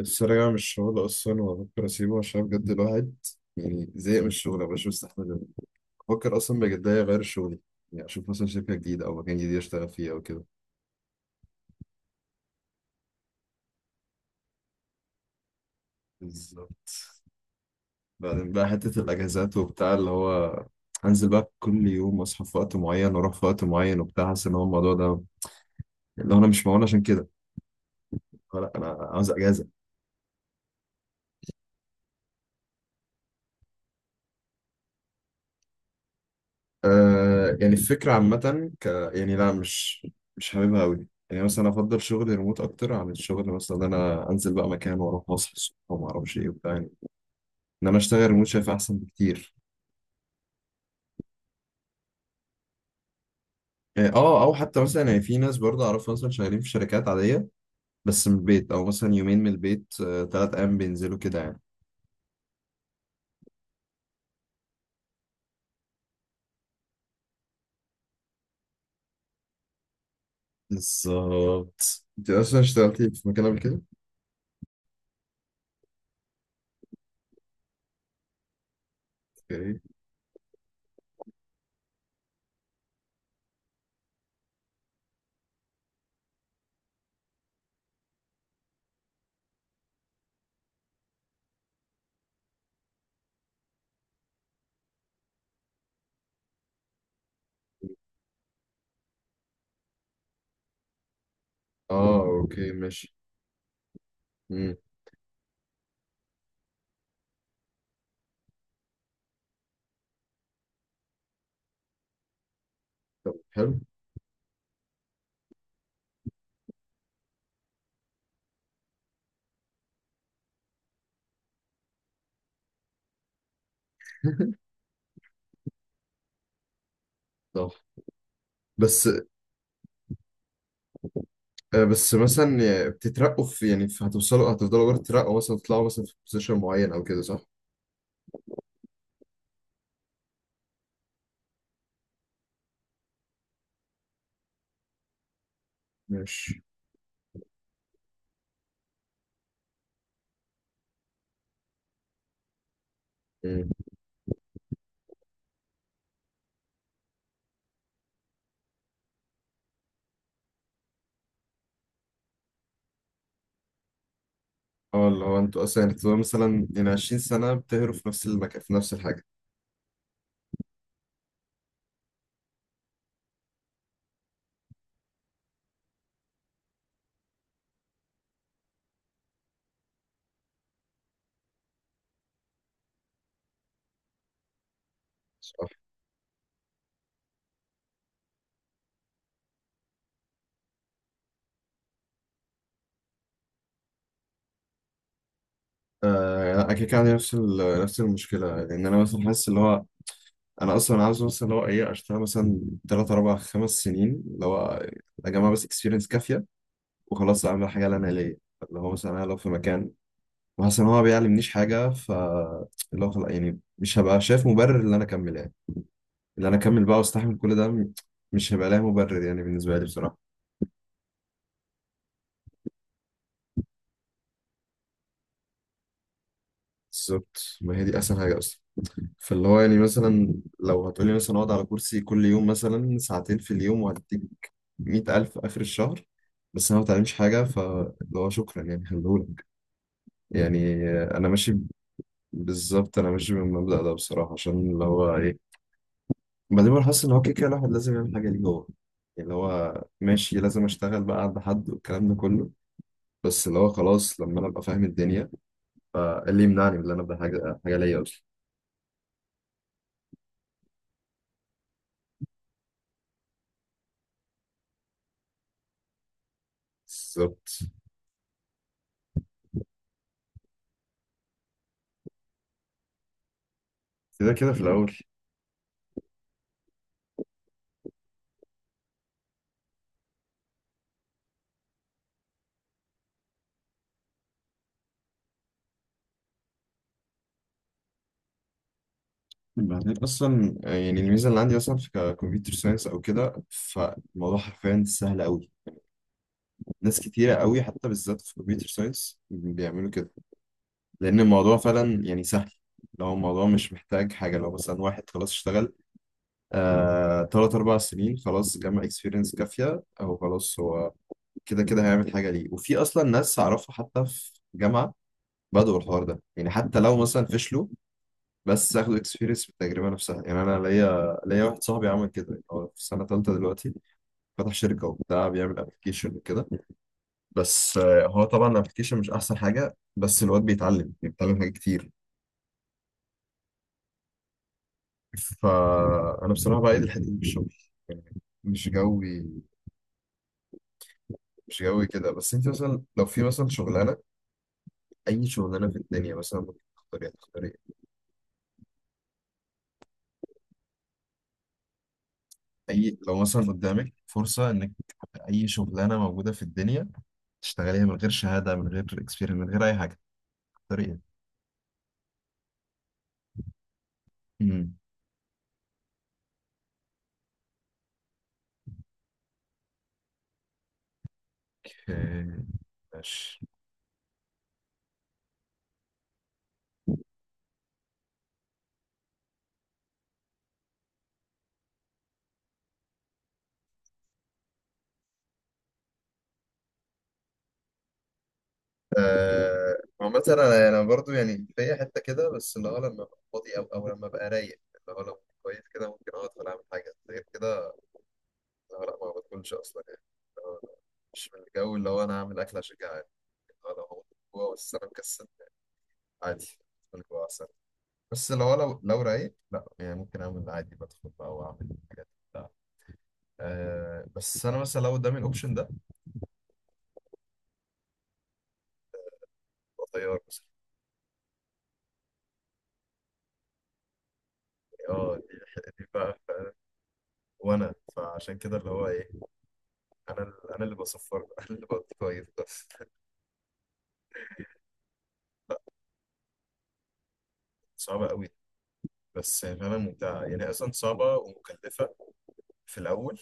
السرقة مش شغل أصلا، وأفكر أسيبه عشان بجد الواحد يعني زهق من الشغل، مبقاش مستحمل. بفكر أصلا بجد أغير شغلي، يعني أشوف مثلا شركة جديدة أو مكان جديد أشتغل فيه أو كده. بالظبط. بعدين بقى حتة الأجازات وبتاع اللي هو أنزل بقى كل يوم أصحى في وقت معين وأروح في وقت معين وبتاع، حاسس إن هو الموضوع ده اللي هو أنا مش معون عشان كده. لا، أنا عاوز أجازة. آه، يعني الفكرة عامة ك، يعني لا، مش حاببها أوي. يعني مثلا أفضل شغل ريموت أكتر عن الشغل، مثلا إن أنا أنزل بقى مكان وأروح أصحى الصبح وما أعرفش إيه وبتاع. يعني إن أنا أشتغل ريموت شايف أحسن بكتير. يعني أه، أو حتى مثلا، يعني في ناس برضه أعرفها مثلا شغالين في شركات عادية بس من البيت، أو مثلا يومين من البيت تلات أيام بينزلوا كده يعني. بالظبط. أنت أصلا اشتغلتي في مكان قبل كده؟ أوكي. أه أوكي، ماشي. مم. طب حلو. صح. بس بس مثلا يعني بتترقوا في، يعني في، هتوصلوا هتفضلوا برضه تترقوا، مثلا تطلعوا مثلا في بوزيشن معين او كده، صح؟ ماشي. مم. اه، اللي هو انتوا اصلا يعني بتبقوا مثلا يعني 20 سنة بتهروا في نفس المكان في نفس الحاجة، صح؟ آه لا، انا كده كده عندي نفس نفس المشكلة. لان انا مثلا حاسس اللي هو انا اصلا عاوز مثلا اللي هو ايه، اشتغل مثلا تلات اربع خمس سنين، اللي هو اجمع بس اكسبيرينس كافية وخلاص اعمل حاجة اللي انا ليا. اللي هو مثلا انا لو في مكان وحاسس ان هو ما بيعلمنيش حاجه، ف اللي هو خلاص يعني مش هبقى شايف مبرر ان انا اكمل، يعني ان انا اكمل بقى واستحمل كل ده، مش هيبقى لها مبرر يعني بالنسبه لي بصراحه. بالظبط، ما هي دي اسهل حاجه اصلا. فاللي هو يعني مثلا لو هتقولي مثلا اقعد على كرسي كل يوم مثلا ساعتين في اليوم، وهديك 100,000 اخر الشهر، بس انا ما بتعلمش حاجه، فاللي هو شكرا، يعني خليهولك، يعني انا ماشي. بالظبط، انا ماشي بالمبدأ ده بصراحه، عشان اللي هو إيه، بعدين بقى حاسس ان هو كده كده الواحد لازم يعمل حاجه ليه هو. يعني اللي هو ماشي، لازم اشتغل بقى عند حد والكلام ده كله، بس اللي هو خلاص لما انا ابقى فاهم الدنيا، فاللي يمنعني من ان انا ابدا حاجه ليا اصلا. بالظبط، كده كده في الاول. بعدين اصلا يعني الميزه اللي عندي مثلا في كمبيوتر ساينس او كده، فالموضوع حرفيا سهل قوي. ناس كتيره قوي حتى بالذات في كمبيوتر ساينس بيعملوا كده، لان الموضوع فعلا يعني سهل. لو الموضوع مش محتاج حاجه، لو مثلا واحد خلاص اشتغل تلات أربع سنين، خلاص جمع اكسبيرينس كافية، أو خلاص هو كده كده هيعمل حاجة ليه. وفي أصلا ناس أعرفها حتى في جامعة بدأوا الحوار ده. يعني حتى لو مثلا فشلوا، بس أخدوا اكسبيرينس بالتجربة نفسها. يعني أنا ليا واحد صاحبي عمل كده، يعني هو في سنة تالتة دلوقتي فتح شركة وبتاع بيعمل أبلكيشن وكده. بس هو طبعا الأبلكيشن مش أحسن حاجة، بس الواد بيتعلم حاجات كتير. فأنا بصراحة بقى دي الحتة دي في الشغل، يعني مش جوي، مش جوي كده. بس انت مثلا لو في مثلا شغلانه، اي شغلانه في الدنيا مثلا ممكن تختاريها، تختاري، هتختاري اي، لو مثلا قدامك فرصه انك اي شغلانه موجوده في الدنيا تشتغليها من غير شهاده من غير اكسبيرينس من غير اي حاجه، تختاري ايه؟ امم اوكي، ماشي. عامة انا برضو يعني في حته كده، بس اللي هو لما ابقى فاضي او لما ابقى رايق اللي هو لو كويس كده ممكن اقعد ولا اعمل حاجه غير كده. اللي هو لا، ما بدخلش اصلا يعني. اللي هو مش من الجو اللي هو انا هعمل اكل عشان جعان. لو هو جوه بس انا مكسل، عادي بدخل جوه احسن. بس لو رايق لا، يعني ممكن اعمل عادي، بدخل بقى واعمل حاجات بتاع. أه، بس انا مثلا لو قدامي الاوبشن ده، هو طيار مثلا. اه دي، دي بقى وانا فعشان كده اللي هو ايه، انا انا اللي بصفر بقى، انا اللي بطير بس. صعبه قوي، بس فعلا ممتعه. يعني اصلا صعبه ومكلفه في الاول،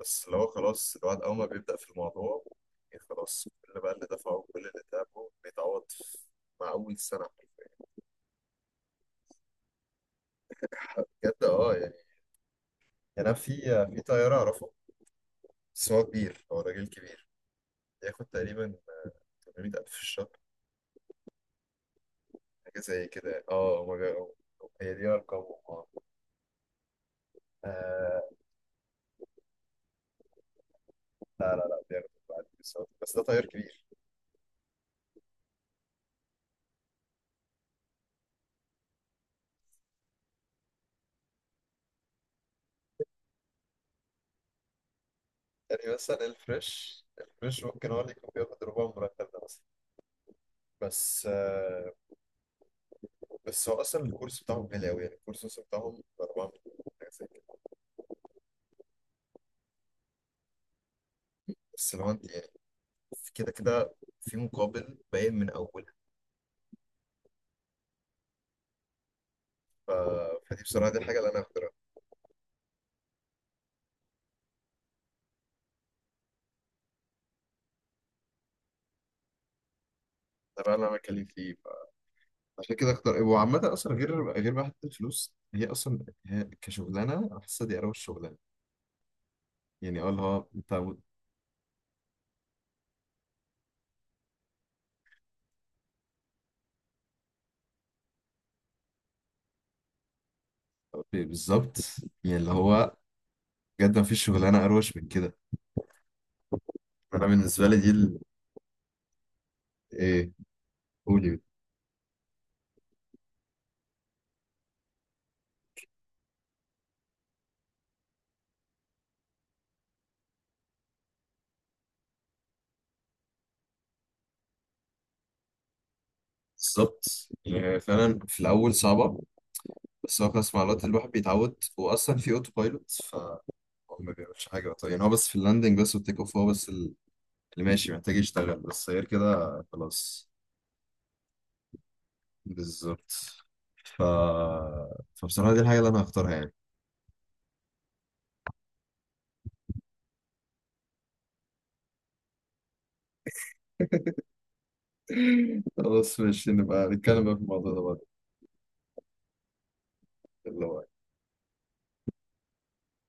بس لو خلاص الواحد أول ما بيبدأ في الموضوع يعني خلاص كل بقى اللي دفعه وكل اللي تعبه بيتعوض مع أول سنة حرفياً. بجد اه يعني. يعني أنا في، في طيار أعرفه بس هو كبير، هو راجل كبير، بياخد تقريبا 800,000 في الشهر، حاجة زي كده يعني. اه هما هي دي أرقامهم اه. آه، لا بياخد بعد الكورسات. بس ده طيار كبير. يعني مثلا الفريش، الفريش ممكن هو اللي يكون بياخد ربع المرتب ده مثلا، بس بس هو اصلا الكورس بتاعهم غالي قوي، يعني الكورس اصلا بتاعهم ب 4 مليون حاجه زي كده. بس لو انت يعني في كده كده في مقابل باين من اول، ف... فدي بصراحه دي الحاجه اللي انا هختارها. ده بقى اللي انا بتكلم فيه ف... عشان كده اختار. وعامه اصلا غير بقى حتى الفلوس، هي اصلا هي كشغلانه انا حاسسها دي اروش شغلانه. يعني اه اللي هو انت بالظبط. يعني اللي هو بجد ما فيش شغلانه اروش من كده. انا بالنسبه لي دي ال... ايه، قولي. بالظبط، يعني فعلا في الاول صعبه، بس هو خلاص مع الوقت الواحد بيتعود، واصلا في اوتو بايلوت فهو ما بيعملش حاجه. طيب يعني هو بس في اللاندنج بس والتيك اوف هو بس اللي ماشي محتاج يشتغل، بس غير كده خلاص. بالظبط. ف... فبصراحه دي الحاجه اللي انا هختارها يعني. خلاص ماشي، نبقى نتكلم بقى في الموضوع ده بعدين اللي هو